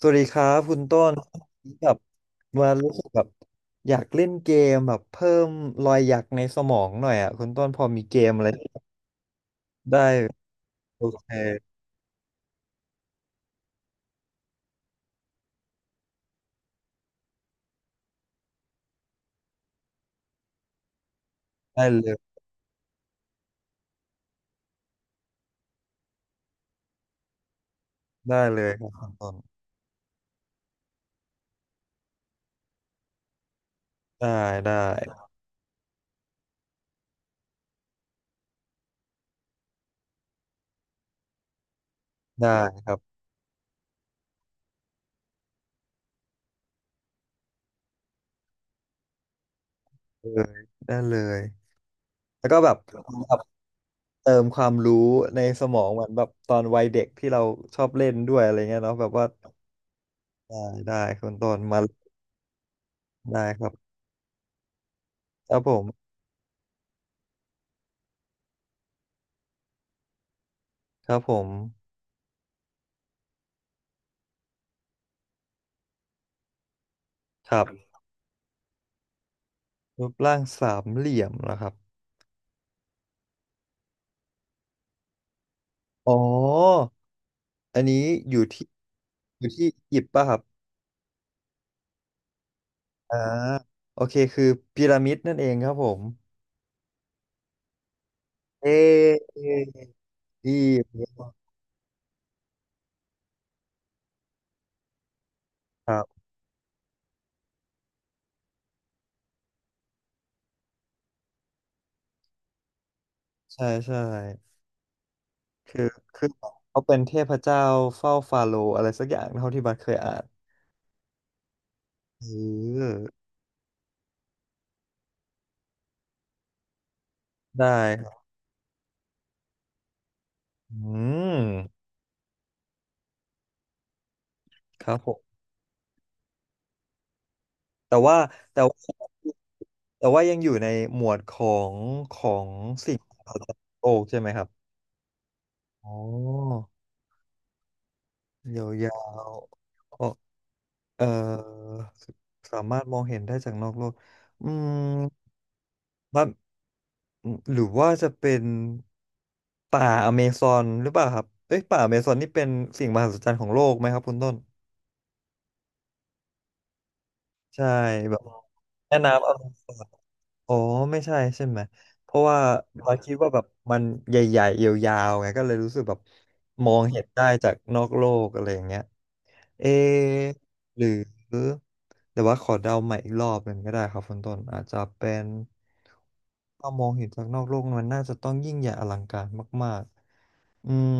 สวัสดีครับคุณต้นแบบมารู้สึกแบบอยากเล่นเกมแบบเพิ่มรอยหยักในสมองหน่อยอ่ะคุณต้นพอมีเกมอะไรได้โอเคได้เลยได้เลยครับคุณต้นได้ได้ได้ครับเลยได้เลยแล้วก็แบบแบบเติมความรู้ในสมองเหมือนแบบตอนวัยเด็กที่เราชอบเล่นด้วยอะไรเงี้ยเนาะแบบว่าได้ได้คุณต้นมาได้ครับครับผมครับผมครับรูปร่างสามเหลี่ยมเหรอครับ อ๋อ อันนี้อยู่ที่อยู่ที่อียิปต์ป่ะครับอ่าโอเค คือพีระมิดนั่นเองครับผมเออียิปต์ครับใช่ใช่คือคือเขาเป็นเทพเจ้าเฝ้าฟาโรห์อะไรสักอย่างเท่าที่บัตเคยอ่านเออได้ครับอืมครับผมแต่ว่าแต่ว่าแต่ว่ายังอยู่ในหมวดของของสิ่งของโลกใช่ไหมครับ อ๋อ ยาวๆ เอ่อสามารถมองเห็นได้จากนอกโลกอืมว่ามหรือว่าจะเป็นป่าอเมซอนหรือเปล่าครับเอ้ยป่าอเมซอนนี่เป็นสิ่งมหัศจรรย์ของโลกไหมครับคุณต้นใช่แบบแม่น้ำอเมซอน อ๋อไม่ใช่ใช่ไหมเพราะว่าเราคิดว่าแบบมันใหญ่ๆยาวๆไงก็เลยรู้สึกแบบมองเห็นได้จากนอกโลกอะไรอย่างเงี้ยเอะหรือแต่ว่าขอเดาใหม่อีกรอบหนึ่งก็ได้ครับคุณต้นอาจจะเป็นถ้ามองเห็นจากนอกโลกมันน่าจะต้องยิ่งใหญ่อลังการมากๆอืม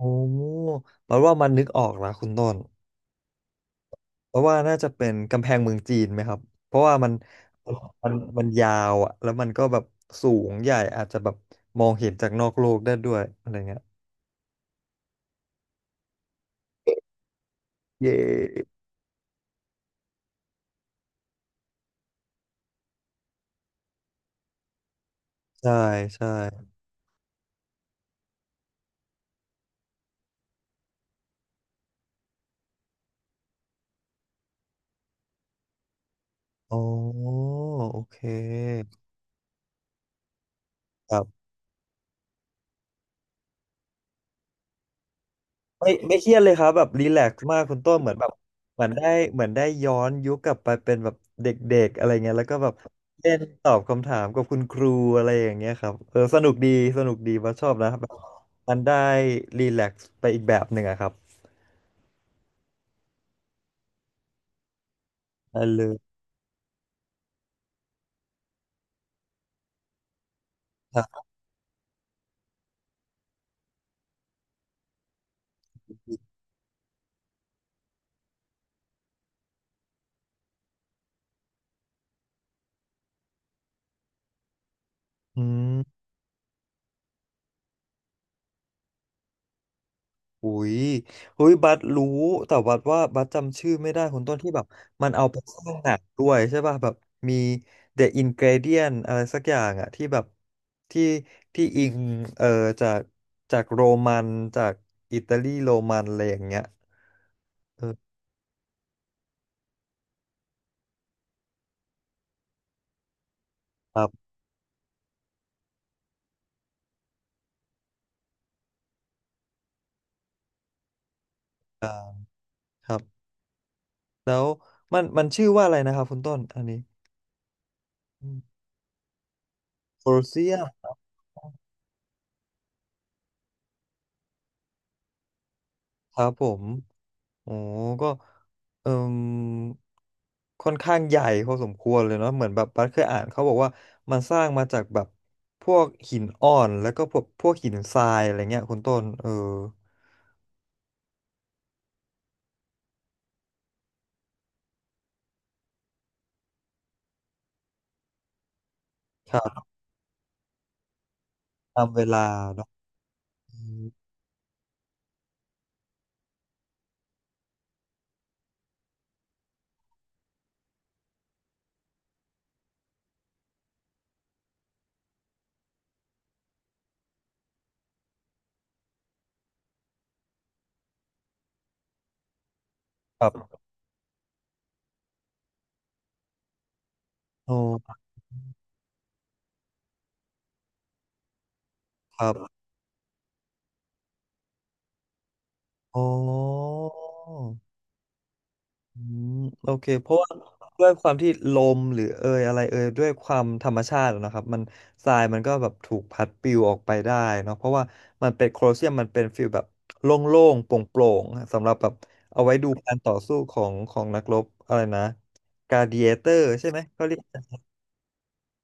โอ้เราว่ามันนึกออกแล้วคุณต้น เพราะว่าน่าจะเป็นกำแพงเมืองจีนไหมครับ เพราะว่ามันมันมันยาวอะแล้วมันก็แบบสูงใหญ่อาจจะแบบมองเห็นจากนอกโลกได้ด้วยอะไรเงี้ยเยใช่ใช่อ๋อโอเคครับ ไม่ไม่เครียดเลยครับแบบรีแลกซ์มากคุณต้นเหมือนแบบเหมือนได้เหมือนได้ย้อนยุคกลับไปเป็นแบบเด็กๆอะไรเงี้ยแล้วก็แบบเล่นตอบคำถามกับคุณครูอะไรอย่างเงี้ยครับเออสนุกดีสนุกดีว่าชอบนะแบบมันได้รีแลกซ์ไปอีกแบบหนึ่งอะครับได้เลยครับอืม อุ้ยอุ้ยบัสรู้แต่บัสว่าบัสจำชื่อไม่ได้คนต้นที่แบบมันเอาไปสร้างหนังด้วยใช่ป่ะแบบมี The Ingredient อะไรสักอย่างอะที่แบบที่ที่อิงเอ่อจากจากโรมันจากอิตาลีโรมันอะไรอย่างเงี้ยเออครับอ่าครับแล้วมันชื่อว่าอะไรนะครับคุณต้นอันนี้โคลอเซียม ครับผมโอ้ก็เอ่มค่อนข้างใหญ่พอสมควรเลยเนาะเหมือนแบบบัสเคยอ่านเขาบอกว่า มันสร้างมาจากแบบ พวกหินอ่อนแล้วก็พวกพวกหินทรายอะไรเงี้ยคุณต้นเออครับตามเวลาเนาะอืมครับโอ้ครับอ๋อ อืมโอเคเพราะว่าด้วยความที่ลมหรือเอยอะไรเอยด้วยความธรรมชาติอะนะครับมันทรายมันก็แบบถูกพัดปลิวออกไปได้เนาะเพราะว่ามันเป็นโคลอเซียมมันเป็นฟิลแบบโล่งๆโปร่งๆสำหรับแบบเอาไว้ดูการต่อสู้ของของนักรบอะไรนะกา a ด i เอเตอร์ใช่ไหมเขาเรียก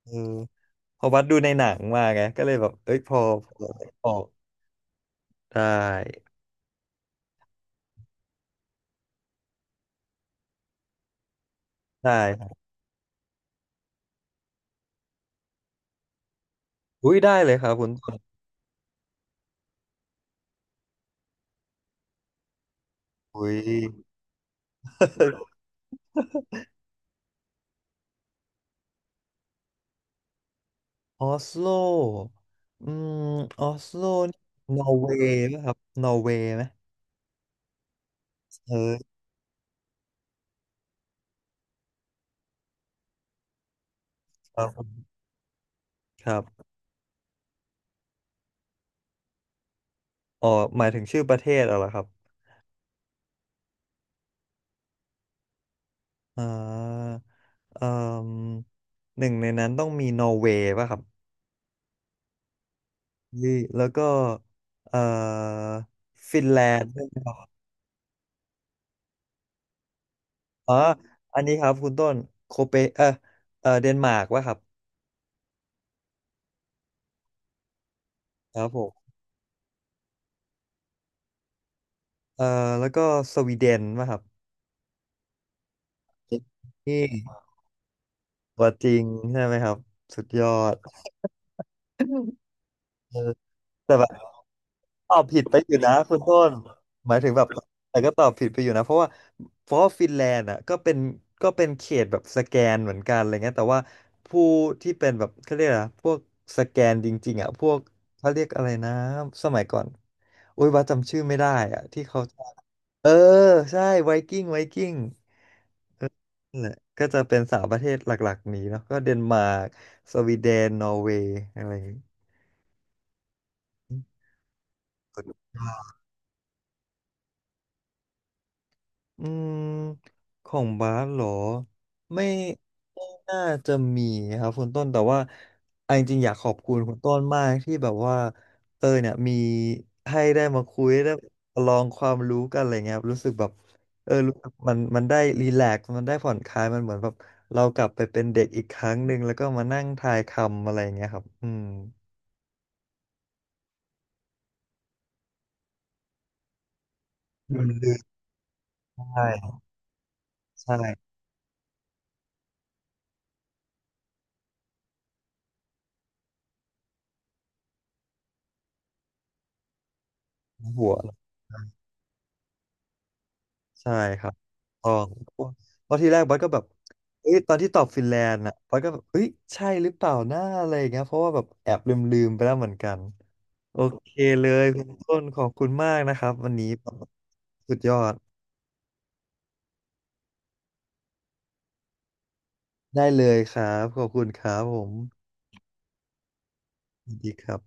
เออพอวัดดูในหนังมาไงก็เลยแบบเอ้ยพอพอออกได้ได้ครับอุ้ยได้เลยครับคุณต้นอุ้ย ออสโลอืมออสโลนี่นอร์เวย์ป่ะครับนอร์เวย์ไหมเออครับครับอ๋อหมายถึงชื่อประเทศเหรอครับอ่าเอ่มหนึ่งในนั้นต้องมีนอร์เวย์ป่ะครับยี่แล้วก็เอ่อฟินแลนด์ด้วยเหครับอ๋ออันนี้ครับคุณต้นโคเปเออเดนมาร์กป่ะครับครับผมเอ่อแล้วก็สวีเดนป่ะครับนี่ตัวจริงใช่ไหมครับสุดยอด เออแต่แบบตอบผิดไปอยู่นะคุณต้นหมายถึงแบบแต่ก็ตอบผิดไปอยู่นะเพราะว่าเพราะว่าฟินแลนด์อ่ะก็เป็นก็เป็นเขตแบบสแกนเหมือนกันอะไรเงี้ยแต่ว่าผู้ที่เป็นแบบเขาเรียกอะไรนะพวกสแกนจริงๆอ่ะพวกเขาเรียกอะไรนะสมัยก่อนอุ้ยว่าจำชื่อไม่ได้อ่ะที่เขาเออใช่ไวกิ้งไวกิ้งนั่นแหละก็จะเป็นสามประเทศหลักๆนี้เนาะก็เดนมาร์กสวีเดนนอร์เวย์อะไรอย่างงี้ อืมของบาสเหรอไม่ไม่น่าจะมีครับคุณต้นแต่ว่าออนจริงๆอยากขอบคุณคุณต้นมากที่แบบว่าเออเนี่ยมีให้ได้มาคุยได้ลองความรู้กันอะไรเงี้ยครับรู้สึกแบบเออรู้สึกมันได้รีแลกซ์มันได้ผ่อนคลายมันเหมือนแบบเรากลับไปเป็นเด็กอีกครั้งหนึ่งแล้วก็มานั่งทายคำอะไรเงี้ยครับอืมมันลืมได้ใช่หัว ใช่ครับต้องเพราะที่แรกบัสก็แบบเอ้ยตอนที่ตอบฟินแลนด์อ่ะบัสก็แบบเอ้ยใช่หรือเปล่าหน้าอะไรอย่างเงี้ยเพราะว่าแบบแอบลืมลืมไปแล้วเหมือนกัน โอเคเลยคุณต้นขอบคุณมากนะครับวันนี้สุดยอดได้เลยครับ ขอบคุณครับผมสวัสดีครับ